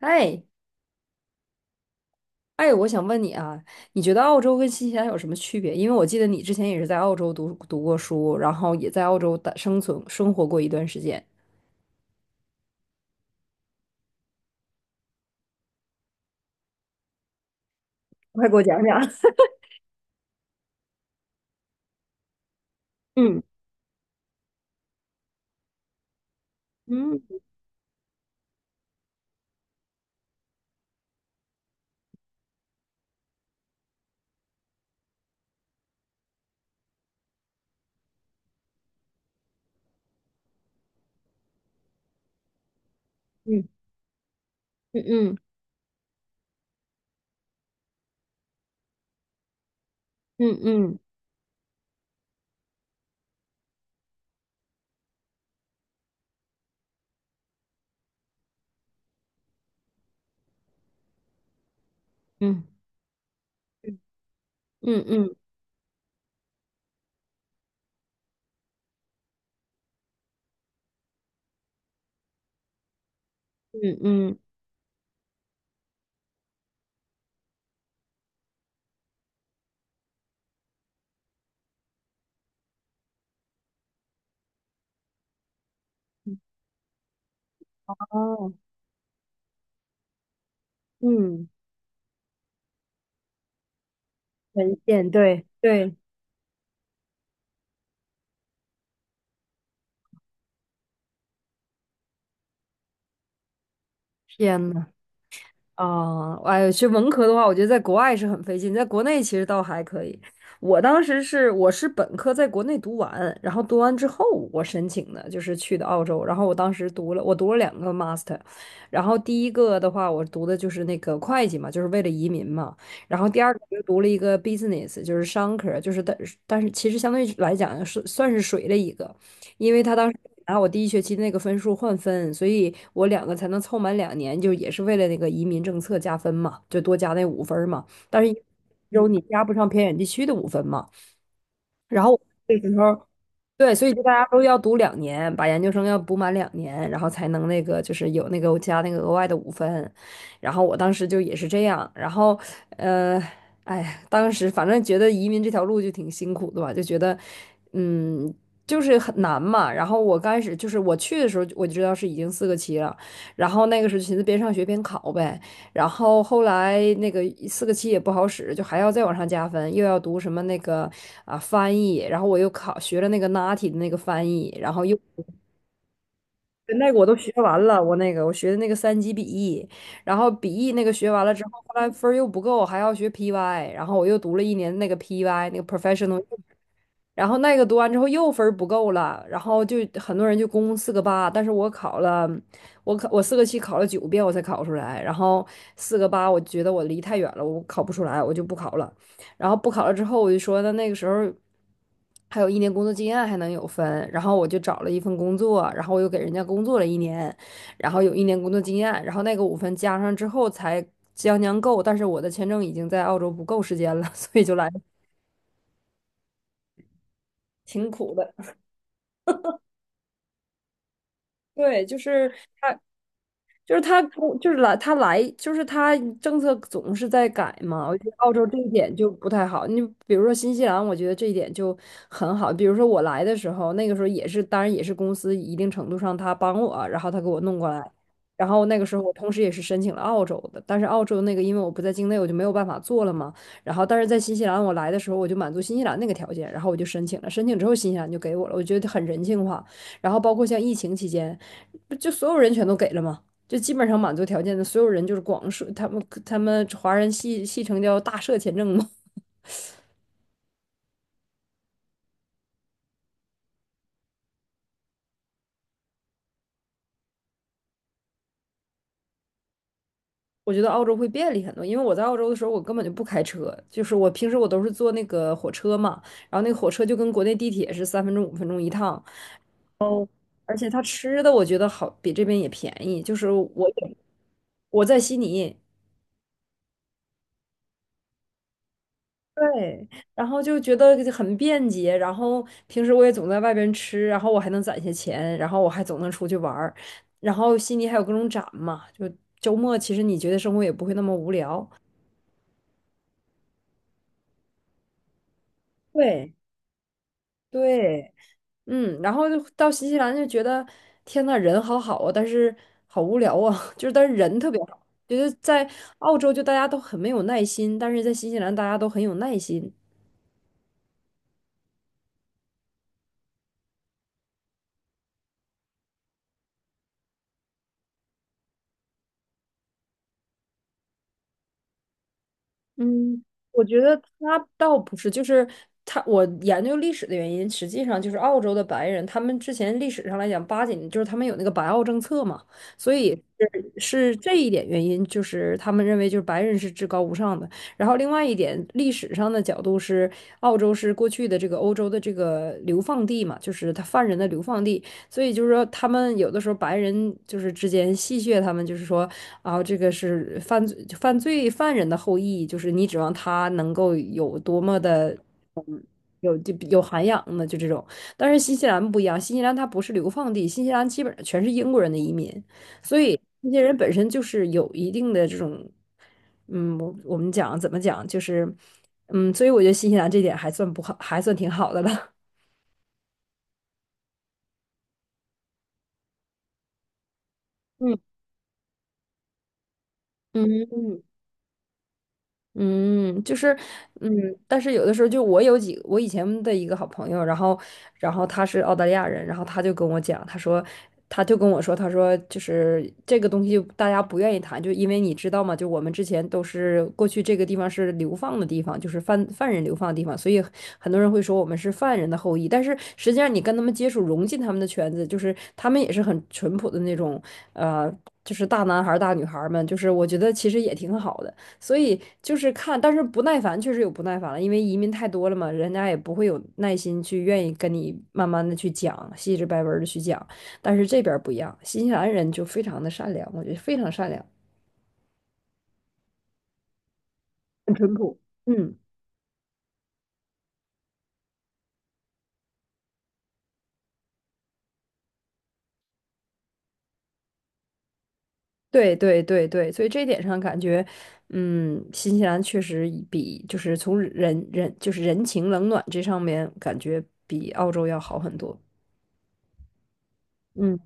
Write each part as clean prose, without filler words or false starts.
哎。哎，我想问你啊，你觉得澳洲跟新西兰有什么区别？因为我记得你之前也是在澳洲读过书，然后也在澳洲的生活过一段时间。快给我讲讲。嗯。嗯。嗯。嗯。嗯。嗯。嗯。嗯。嗯。嗯。嗯。嗯。哦。嗯。文献。对对。天呐。啊，哎呦，学文科的话，我觉得在国外是很费劲，在国内其实倒还可以。我当时是我是本科在国内读完，然后读完之后我申请的，就是去的澳洲。然后我读了两个 master，然后第一个的话，我读的就是那个会计嘛，就是为了移民嘛。然后第二个我就读了一个 business，就是商科，但是其实相对来讲是算是水了一个。因为他当时拿我第一学期那个分数换分，所以我两个才能凑满两年，就也是为了那个移民政策加分嘛，就多加那五分儿嘛。但是有你加不上偏远地区的五分嘛。然后我那时候。对，所以就大家都要读两年，把研究生要补满两年，然后才能那个就是有那个加那个额外的五分。然后我当时就也是这样，呃，哎呀，当时反正觉得移民这条路就挺辛苦的吧，就觉得嗯就是很难嘛。然后我刚开始就是我去的时候我就知道是已经四个七了，然后那个时候就寻思边上学边考呗。然后后来那个四个七也不好使，就还要再往上加分，又要读什么翻译，然后我又考学了那个 NATI 的那个翻译，然后又那个我都学完了，我学的那个三级笔译，然后笔译那个学完了之后，后来分儿又不够，还要学 PY，然后我又读了一年那个 PY 那个 professional。 然后那个读完之后又分儿不够了，然后就很多人就攻四个八，但是我四个七考了9遍我才考出来，然后四个八我觉得我离太远了，我考不出来，我就不考了。然后不考了之后，我就说那个时候还有一年工作经验还能有分，然后我就找了一份工作，然后我又给人家工作了一年，然后有一年工作经验，然后那个五分加上之后才将将够，但是我的签证已经在澳洲不够时间了，所以就来挺苦的。对，就是他，就是他不就是来他来就是他政策总是在改嘛，我觉得澳洲这一点就不太好。你比如说新西兰，我觉得这一点就很好。比如说我来的时候，那个时候也是，当然也是公司一定程度上他帮我，然后他给我弄过来。然后那个时候我同时也是申请了澳洲的，但是澳洲那个因为我不在境内，我就没有办法做了嘛。然后但是在新西兰我来的时候，我就满足新西兰那个条件，然后我就申请了，申请之后新西兰就给我了，我觉得很人性化。然后包括像疫情期间，不就所有人全都给了吗？就基本上满足条件的所有人就是广社，他们华人系称叫大社签证嘛。我觉得澳洲会便利很多，因为我在澳洲的时候，我根本就不开车，就是我平时我都是坐那个火车嘛，然后那个火车就跟国内地铁是3分钟5分钟一趟，而且他吃的我觉得好，比这边也便宜，就是我在悉尼，对，然后就觉得很便捷，然后平时我也总在外边吃，然后我还能攒些钱，然后我还总能出去玩儿，然后悉尼还有各种展嘛，就周末其实你觉得生活也不会那么无聊。对对。嗯。然后就到新西兰就觉得天呐，人好好啊，但是好无聊啊，就是但是人特别好，觉得在澳洲就大家都很没有耐心，但是在新西兰大家都很有耐心。嗯，我觉得他倒不是，就是我研究历史的原因，实际上就是澳洲的白人，他们之前历史上来讲，八几年就是他们有那个白澳政策嘛，所以是这一点原因，就是他们认为就是白人是至高无上的。然后另外一点，历史上的角度是，澳洲是过去的这个欧洲的这个流放地嘛，就是他犯人的流放地，所以就是说，他们有的时候白人就是之间戏谑他们，就是说啊，这个是犯人的后裔，就是你指望他能够有多么的有涵养呢？就这种。但是新西兰不一样，新西兰它不是流放地，新西兰基本上全是英国人的移民，所以那些人本身就是有一定的这种。嗯，我们讲怎么讲，就是嗯，所以我觉得新西兰这点还算不好，还算挺好的了。嗯。嗯。嗯，就是。嗯。但是有的时候就我有几，我以前的一个好朋友，然后，然后他是澳大利亚人，然后他就跟我讲，他说，他就跟我说，他说就是这个东西大家不愿意谈，就因为你知道吗？就我们之前都是过去这个地方是流放的地方，就是犯人流放的地方，所以很多人会说我们是犯人的后裔，但是实际上你跟他们接触，融进他们的圈子，就是他们也是很淳朴的那种，呃，就是大男孩儿大女孩儿们，就是我觉得其实也挺好的。所以就是看，但是不耐烦确实有不耐烦了，因为移民太多了嘛，人家也不会有耐心去愿意跟你慢慢的去讲，细致白文的去讲。但是这边儿不一样，新西兰人就非常的善良，我觉得非常善良。很淳朴。嗯。对对对对，所以这一点上感觉，嗯，新西兰确实以比就是从人人就是人情冷暖这上面感觉比澳洲要好很多。嗯。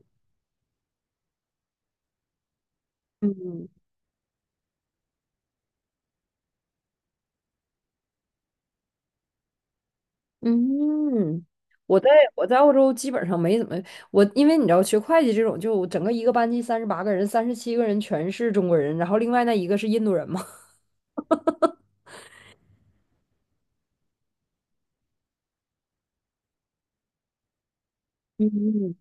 嗯。嗯，我在我在澳洲基本上没怎么。我，因为你知道学会计这种，就整个一个班级38个人，37个人全是中国人，然后另外那一个是印度人嘛。嗯。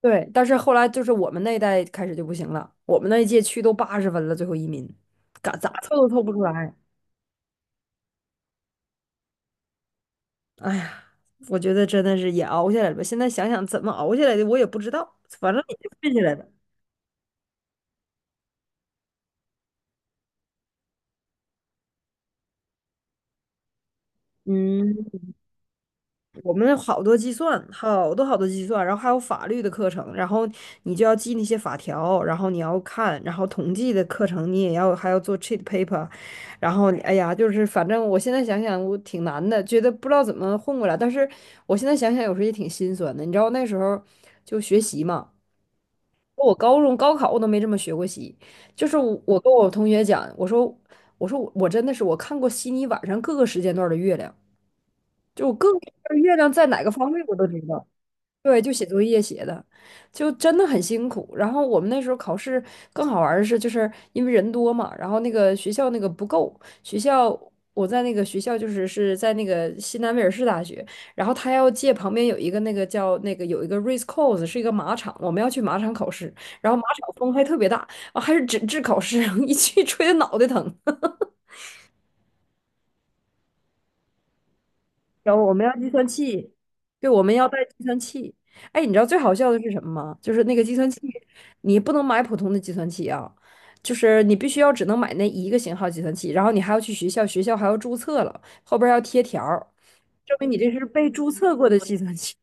对，但是后来就是我们那一代开始就不行了，我们那一届去都80分了，最后移民，咋凑都凑不出来。哎呀，我觉得真的是也熬下来了吧，现在想想怎么熬下来的，我也不知道，反正也就混下来了。嗯。我们有好多计算，好多好多计算，然后还有法律的课程，然后你就要记那些法条，然后你要看，然后统计的课程你也要还要做 cheat paper，然后哎呀，就是反正我现在想想我挺难的，觉得不知道怎么混过来，但是我现在想想有时候也挺心酸的，你知道那时候就学习嘛，我高中高考我都没这么学过习，就是我跟我同学讲，我说我真的是我看过悉尼晚上各个时间段的月亮，就我各个时间段月亮在哪个方位我都知道。对，就写作业写的，就真的很辛苦。然后我们那时候考试更好玩儿的是，就是因为人多嘛，然后那个学校那个不够，学校我在那个学校就是在那个西南威尔士大学，然后他要借旁边有一个那个叫那个有一个 race course 是一个马场，我们要去马场考试，然后马场风还特别大啊，还是纸质考试，一去吹的脑袋疼。有，我们要计算器，对，我们要带计算器。哎，你知道最好笑的是什么吗？就是那个计算器，你不能买普通的计算器啊，就是你必须要只能买那一个型号计算器，然后你还要去学校，学校还要注册了，后边儿还要贴条儿，证明你这是被注册过的计算器。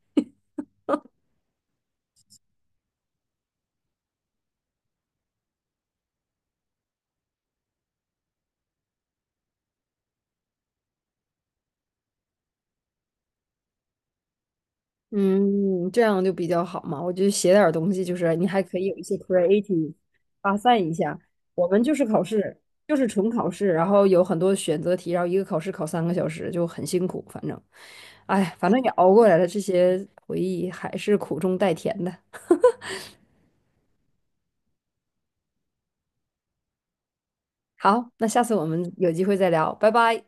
嗯，这样就比较好嘛。我就写点儿东西，就是你还可以有一些 creative 发散一下。我们就是考试，就是纯考试，然后有很多选择题，然后一个考试考3个小时，就很辛苦。反正，哎，反正也熬过来了，这些回忆还是苦中带甜的。好，那下次我们有机会再聊，拜拜。